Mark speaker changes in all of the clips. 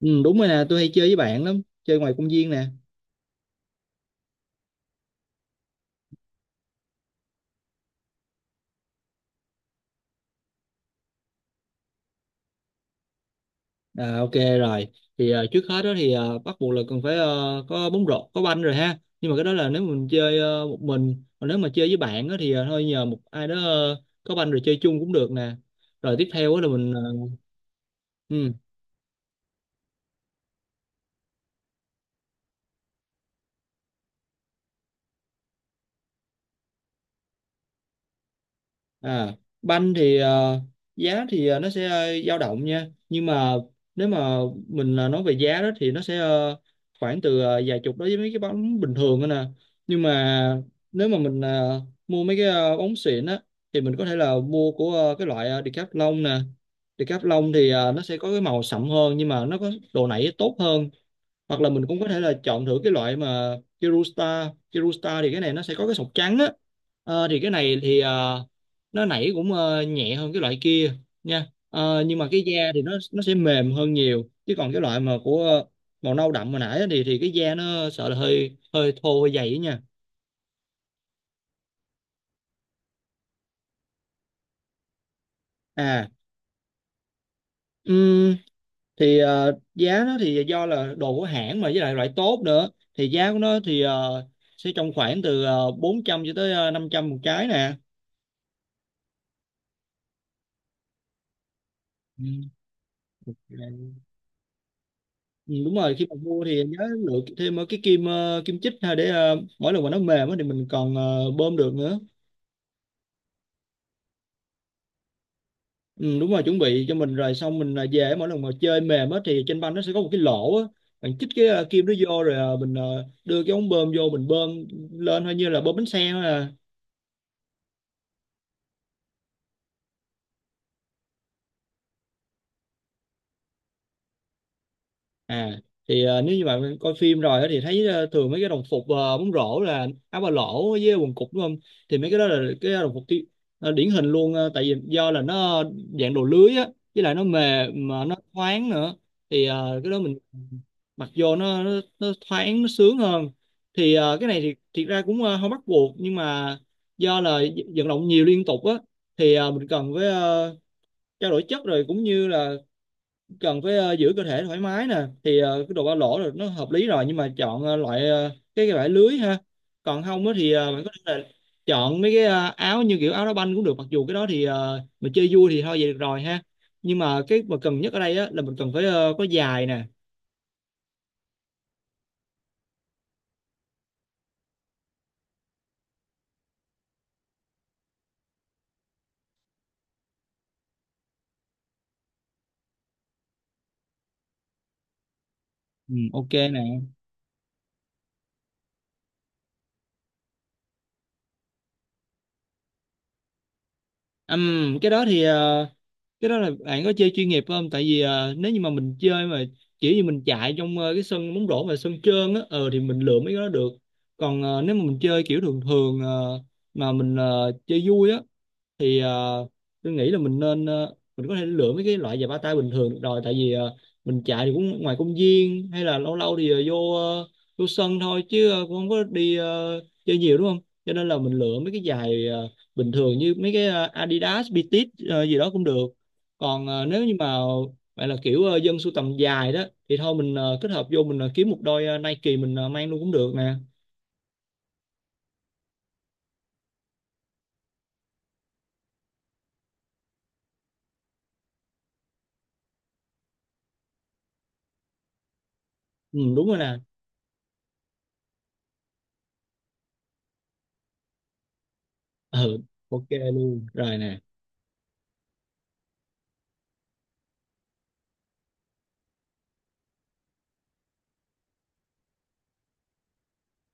Speaker 1: Ừ, đúng rồi nè, tôi hay chơi với bạn lắm, chơi ngoài công viên nè. À, ok rồi, thì trước hết đó thì bắt buộc là cần phải có bóng rổ, có banh rồi ha. Nhưng mà cái đó là nếu mình chơi một mình, còn nếu mà chơi với bạn đó thì thôi nhờ một ai đó có banh rồi chơi chung cũng được nè. Rồi tiếp theo đó là mình ừ, à, banh thì giá thì nó sẽ dao động nha. Nhưng mà nếu mà mình nói về giá đó thì nó sẽ khoảng từ vài chục đối với mấy cái bóng bình thường đó nè. Nhưng mà nếu mà mình mua mấy cái bóng xịn á thì mình có thể là mua của cái loại Decathlon nè. Decathlon thì nó sẽ có cái màu sậm hơn nhưng mà nó có độ nảy tốt hơn, hoặc là mình cũng có thể là chọn thử cái loại mà Kirusta Kirusta thì cái này nó sẽ có cái sọc trắng á. Thì cái này thì nó nảy cũng nhẹ hơn cái loại kia nha. Ờ, nhưng mà cái da thì nó sẽ mềm hơn nhiều, chứ còn cái loại mà của màu nâu đậm hồi nãy á thì cái da nó sợ là hơi hơi thô, hơi dày ấy nha. À, ừm, thì giá nó thì do là đồ của hãng mà với lại loại tốt nữa, thì giá của nó thì sẽ trong khoảng từ 400 cho tới 500 một trái nè. Ừ. Ừ, đúng rồi, khi mà mua thì nhớ lựa thêm cái kim, kim chích ha, để mỗi lần mà nó mềm á thì mình còn bơm được nữa. Ừ, đúng rồi, chuẩn bị cho mình rồi xong mình về mỗi lần mà chơi mềm á thì trên banh nó sẽ có một cái lỗ á, bạn chích cái kim đó vô rồi mình đưa cái ống bơm vô mình bơm lên hơi, như là bơm bánh xe thôi à. À thì nếu như bạn coi phim rồi á thì thấy thường mấy cái đồng phục bóng rổ là áo ba lỗ với quần cụt, đúng không? Thì mấy cái đó là cái đồng phục điển hình luôn, tại vì do là nó dạng đồ lưới á, với lại nó mềm mà nó thoáng nữa, thì cái đó mình mặc vô nó, nó thoáng, nó sướng hơn. Thì cái này thì thiệt ra cũng không bắt buộc, nhưng mà do là vận động nhiều liên tục á thì mình cần với trao đổi chất, rồi cũng như là cần phải giữ cơ thể thoải mái nè, thì cái đồ ba lỗ rồi nó hợp lý rồi, nhưng mà chọn loại cái vải lưới ha. Còn không á thì bạn có thể là chọn mấy cái áo như kiểu áo đá banh cũng được, mặc dù cái đó thì mình chơi vui thì thôi vậy được rồi ha, nhưng mà cái mà cần nhất ở đây á là mình cần phải có dài nè. Ừ, ok nè. Cái đó thì cái đó là bạn có chơi chuyên nghiệp không, tại vì à, nếu như mà mình chơi mà kiểu như mình chạy trong cái sân bóng rổ mà sân trơn á ờ thì mình lượm mấy cái đó được. Còn nếu mà mình chơi kiểu thường thường, mà mình chơi vui á thì tôi nghĩ là mình nên mình có thể lựa mấy cái loại giày ba tay bình thường được rồi, tại vì mình chạy thì cũng ngoài công viên hay là lâu lâu thì vô vô sân thôi, chứ cũng không có đi chơi nhiều đúng không, cho nên là mình lựa mấy cái giày bình thường, như mấy cái Adidas, Bitit gì đó cũng được. Còn nếu như mà bạn là kiểu dân sưu tầm dài đó thì thôi mình kết hợp vô, mình kiếm một đôi Nike mình mang luôn cũng được nè. Ừ, đúng rồi nè. Ừ, ok luôn rồi nè.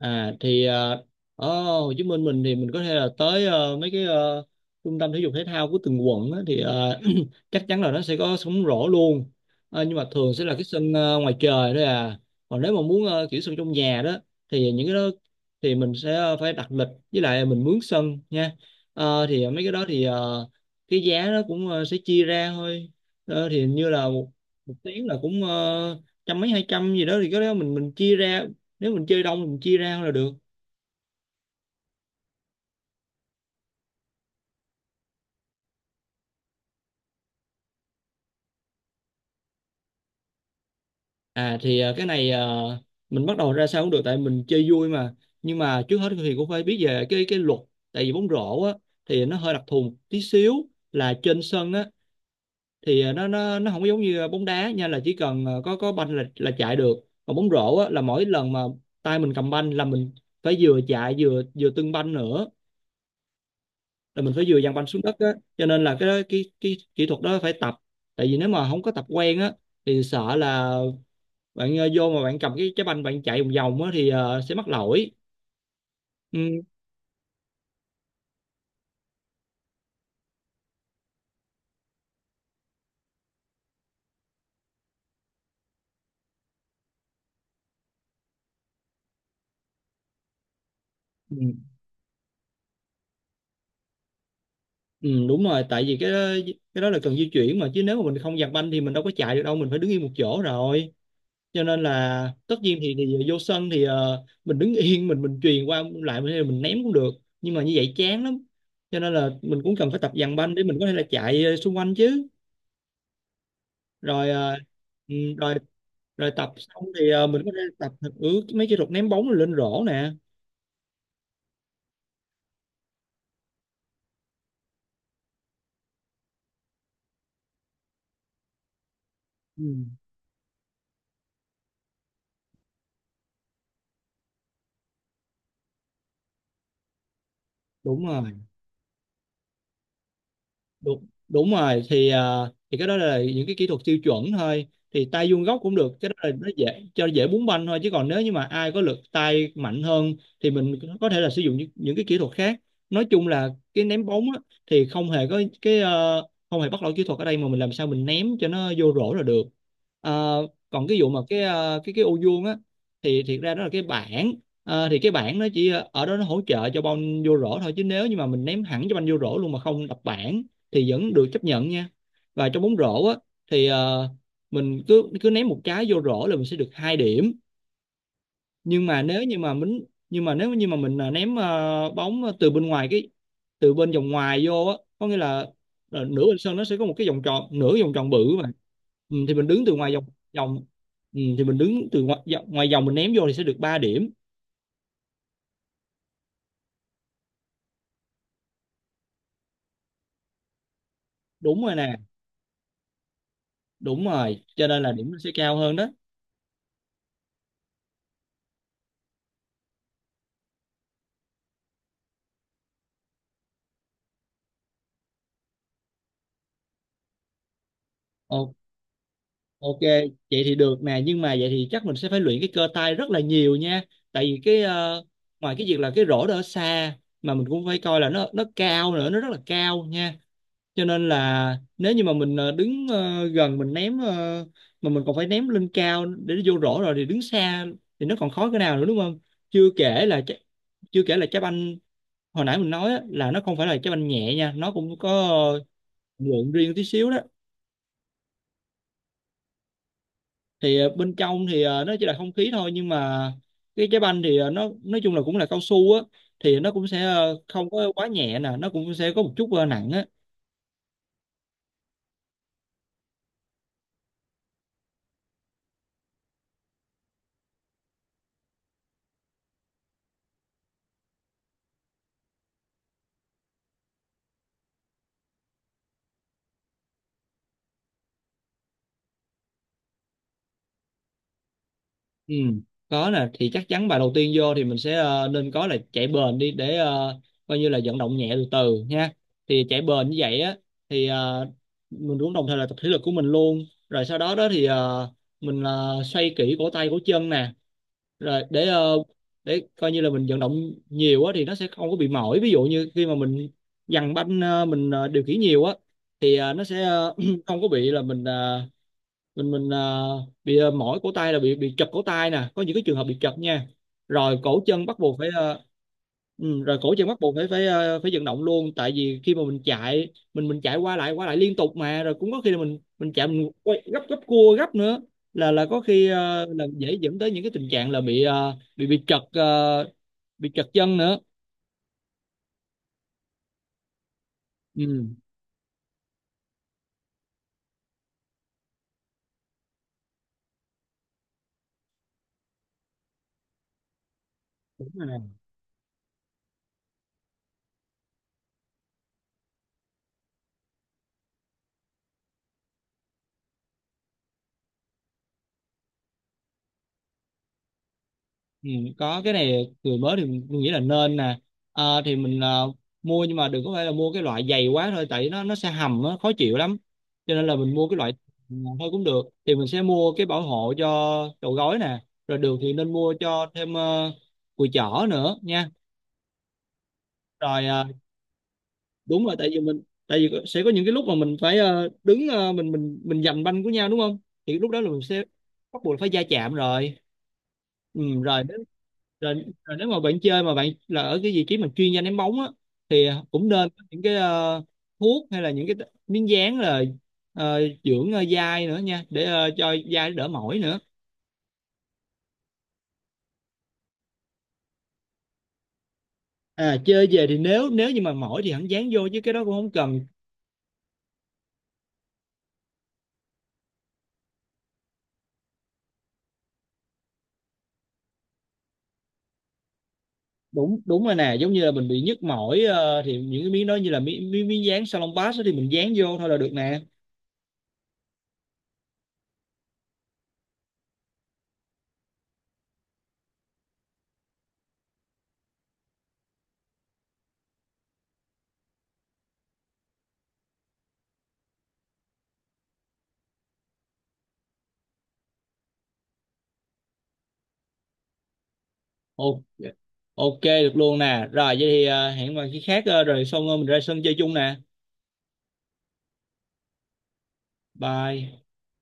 Speaker 1: À thì ở Hồ Chí Minh mình thì mình có thể là tới mấy cái trung tâm thể dục thể thao của từng quận á, thì chắc chắn là nó sẽ có sóng rổ luôn. Ờ, nhưng mà thường sẽ là cái sân ngoài trời thôi à, còn nếu mà muốn kiểu sân trong nhà đó thì những cái đó thì mình sẽ phải đặt lịch, với lại mình mướn sân nha. Ờ, thì mấy cái đó thì cái giá nó cũng sẽ chia ra thôi. Ờ, thì hình như là một tiếng là cũng trăm mấy, 200 gì đó, thì cái đó mình chia ra, nếu mình chơi đông thì mình chia ra là được. À thì cái này mình bắt đầu ra sao cũng được, tại mình chơi vui mà, nhưng mà trước hết thì cũng phải biết về cái luật, tại vì bóng rổ á thì nó hơi đặc thù một tí xíu, là trên sân á thì nó không có giống như bóng đá nha, là chỉ cần có banh là chạy được. Còn bóng rổ á là mỗi lần mà tay mình cầm banh là mình phải vừa chạy, vừa vừa tưng banh nữa, là mình phải vừa giằng banh xuống đất á, cho nên là cái kỹ thuật đó phải tập, tại vì nếu mà không có tập quen á thì sợ là bạn vô mà bạn cầm cái banh, bạn chạy vòng vòng á thì sẽ mắc lỗi. ừ, ừ, ừ, đúng rồi, tại vì cái đó là cần di chuyển mà, chứ nếu mà mình không giặt banh thì mình đâu có chạy được đâu, mình phải đứng yên một chỗ rồi, cho nên là tất nhiên thì, vô sân thì mình đứng yên, mình chuyền qua lại, mình ném cũng được, nhưng mà như vậy chán lắm, cho nên là mình cũng cần phải tập giằng banh để mình có thể là chạy xung quanh chứ. Rồi ờ, ừ, rồi rồi tập xong thì mình có thể tập mấy kỹ thuật ném bóng lên rổ nè. Ừ, đúng rồi. Đúng, rồi thì à, thì cái đó là những cái kỹ thuật tiêu chuẩn thôi, thì tay vuông góc cũng được, cái đó là nó dễ cho dễ búng banh thôi, chứ còn nếu như mà ai có lực tay mạnh hơn thì mình có thể là sử dụng những cái kỹ thuật khác. Nói chung là cái ném bóng á, thì không hề có cái không hề bắt lỗi kỹ thuật ở đây, mà mình làm sao mình ném cho nó vô rổ là được. Ờ, còn cái vụ mà cái cái ô vuông á thì thiệt ra đó là cái bảng. Ờ, thì cái bảng nó chỉ ở đó nó hỗ trợ cho banh vô rổ thôi, chứ nếu như mà mình ném hẳn cho banh vô rổ luôn mà không đập bảng thì vẫn được chấp nhận nha. Và trong bóng rổ á thì mình cứ cứ ném một trái vô rổ là mình sẽ được 2 điểm, nhưng mà nếu như mà mình ném bóng từ bên ngoài cái, từ bên vòng ngoài vô á, có nghĩa là nửa bên sân nó sẽ có một cái vòng tròn, nửa vòng tròn bự mà. Ừ, thì mình đứng từ ngoài vòng vòng ừ, thì mình đứng từ ngoài, ngoài vòng, mình ném vô thì sẽ được 3 điểm. Đúng rồi nè. Đúng rồi, cho nên là điểm nó sẽ cao hơn đó. Ok. Ok, vậy thì được nè, nhưng mà vậy thì chắc mình sẽ phải luyện cái cơ tay rất là nhiều nha. Tại vì cái ngoài cái việc là cái rổ đó ở xa, mà mình cũng phải coi là nó cao nữa, nó rất là cao nha. Cho nên là nếu như mà mình đứng gần mình ném mà mình còn phải ném lên cao để nó vô rổ rồi, thì đứng xa thì nó còn khó cái nào nữa đúng không? Chưa kể là trái banh hồi nãy mình nói á, là nó không phải là trái banh nhẹ nha, nó cũng có lượng riêng tí xíu đó. Thì bên trong thì nó chỉ là không khí thôi, nhưng mà cái trái banh thì nó nói chung là cũng là cao su á, thì nó cũng sẽ không có quá nhẹ nè, nó cũng sẽ có một chút nặng á. Ừ, có nè, thì chắc chắn bài đầu tiên vô thì mình sẽ nên có là chạy bền đi để coi như là vận động nhẹ từ từ nha. Thì chạy bền như vậy á, thì mình cũng đồng thời là tập thể lực của mình luôn, rồi sau đó đó thì xoay kỹ cổ tay cổ chân nè, rồi để để coi như là mình vận động nhiều á thì nó sẽ không có bị mỏi. Ví dụ như khi mà mình dằn banh điều khiển nhiều á, thì nó sẽ không có bị là mình ờ, mình à, bị mỏi cổ tay, là bị chật cổ tay nè, có những cái trường hợp bị chật nha. Rồi cổ chân bắt buộc phải ừ, rồi cổ chân bắt buộc phải phải à, phải vận động luôn, tại vì khi mà mình chạy mình chạy qua lại liên tục mà, rồi cũng có khi là mình chạy mình quay gấp, gấp cua gấp nữa là có khi là dễ dẫn tới những cái tình trạng là bị chật bị chật chân nữa. Ừ, đúng rồi. Ừ, có cái này người mới thì mình nghĩ là nên nè. Ờ, thì mình mua, nhưng mà đừng có phải là mua cái loại dày quá thôi, tại nó sẽ hầm á, khó chịu lắm. Cho nên là mình mua cái loại nhẹ thôi cũng được, thì mình sẽ mua cái bảo hộ cho đầu gối nè, rồi được thì nên mua cho thêm cùi chỏ nữa nha. Rồi đúng rồi, tại vì mình, tại vì sẽ có những cái lúc mà mình phải đứng mình mình giành banh của nhau đúng không, thì lúc đó là mình sẽ bắt buộc phải va chạm rồi. Ừ, rồi, rồi, rồi nếu mà bạn chơi mà bạn là ở cái vị trí mà chuyên gia ném bóng á, thì cũng nên có những cái thuốc hay là những miếng dán là dưỡng dai nữa nha, để cho dai đỡ mỏi nữa. À, chơi về thì nếu nếu như mà mỏi thì hẳn dán vô, chứ cái đó cũng không cần. Đúng, đúng rồi nè, giống như là mình bị nhức mỏi thì những cái miếng đó, như là miếng miếng, miếng dán salon pass đó, thì mình dán vô thôi là được nè. Ồ, ok được luôn nè, rồi vậy thì hẹn vào khi khác, rồi xong mình ra sân chơi chung nè. Bye.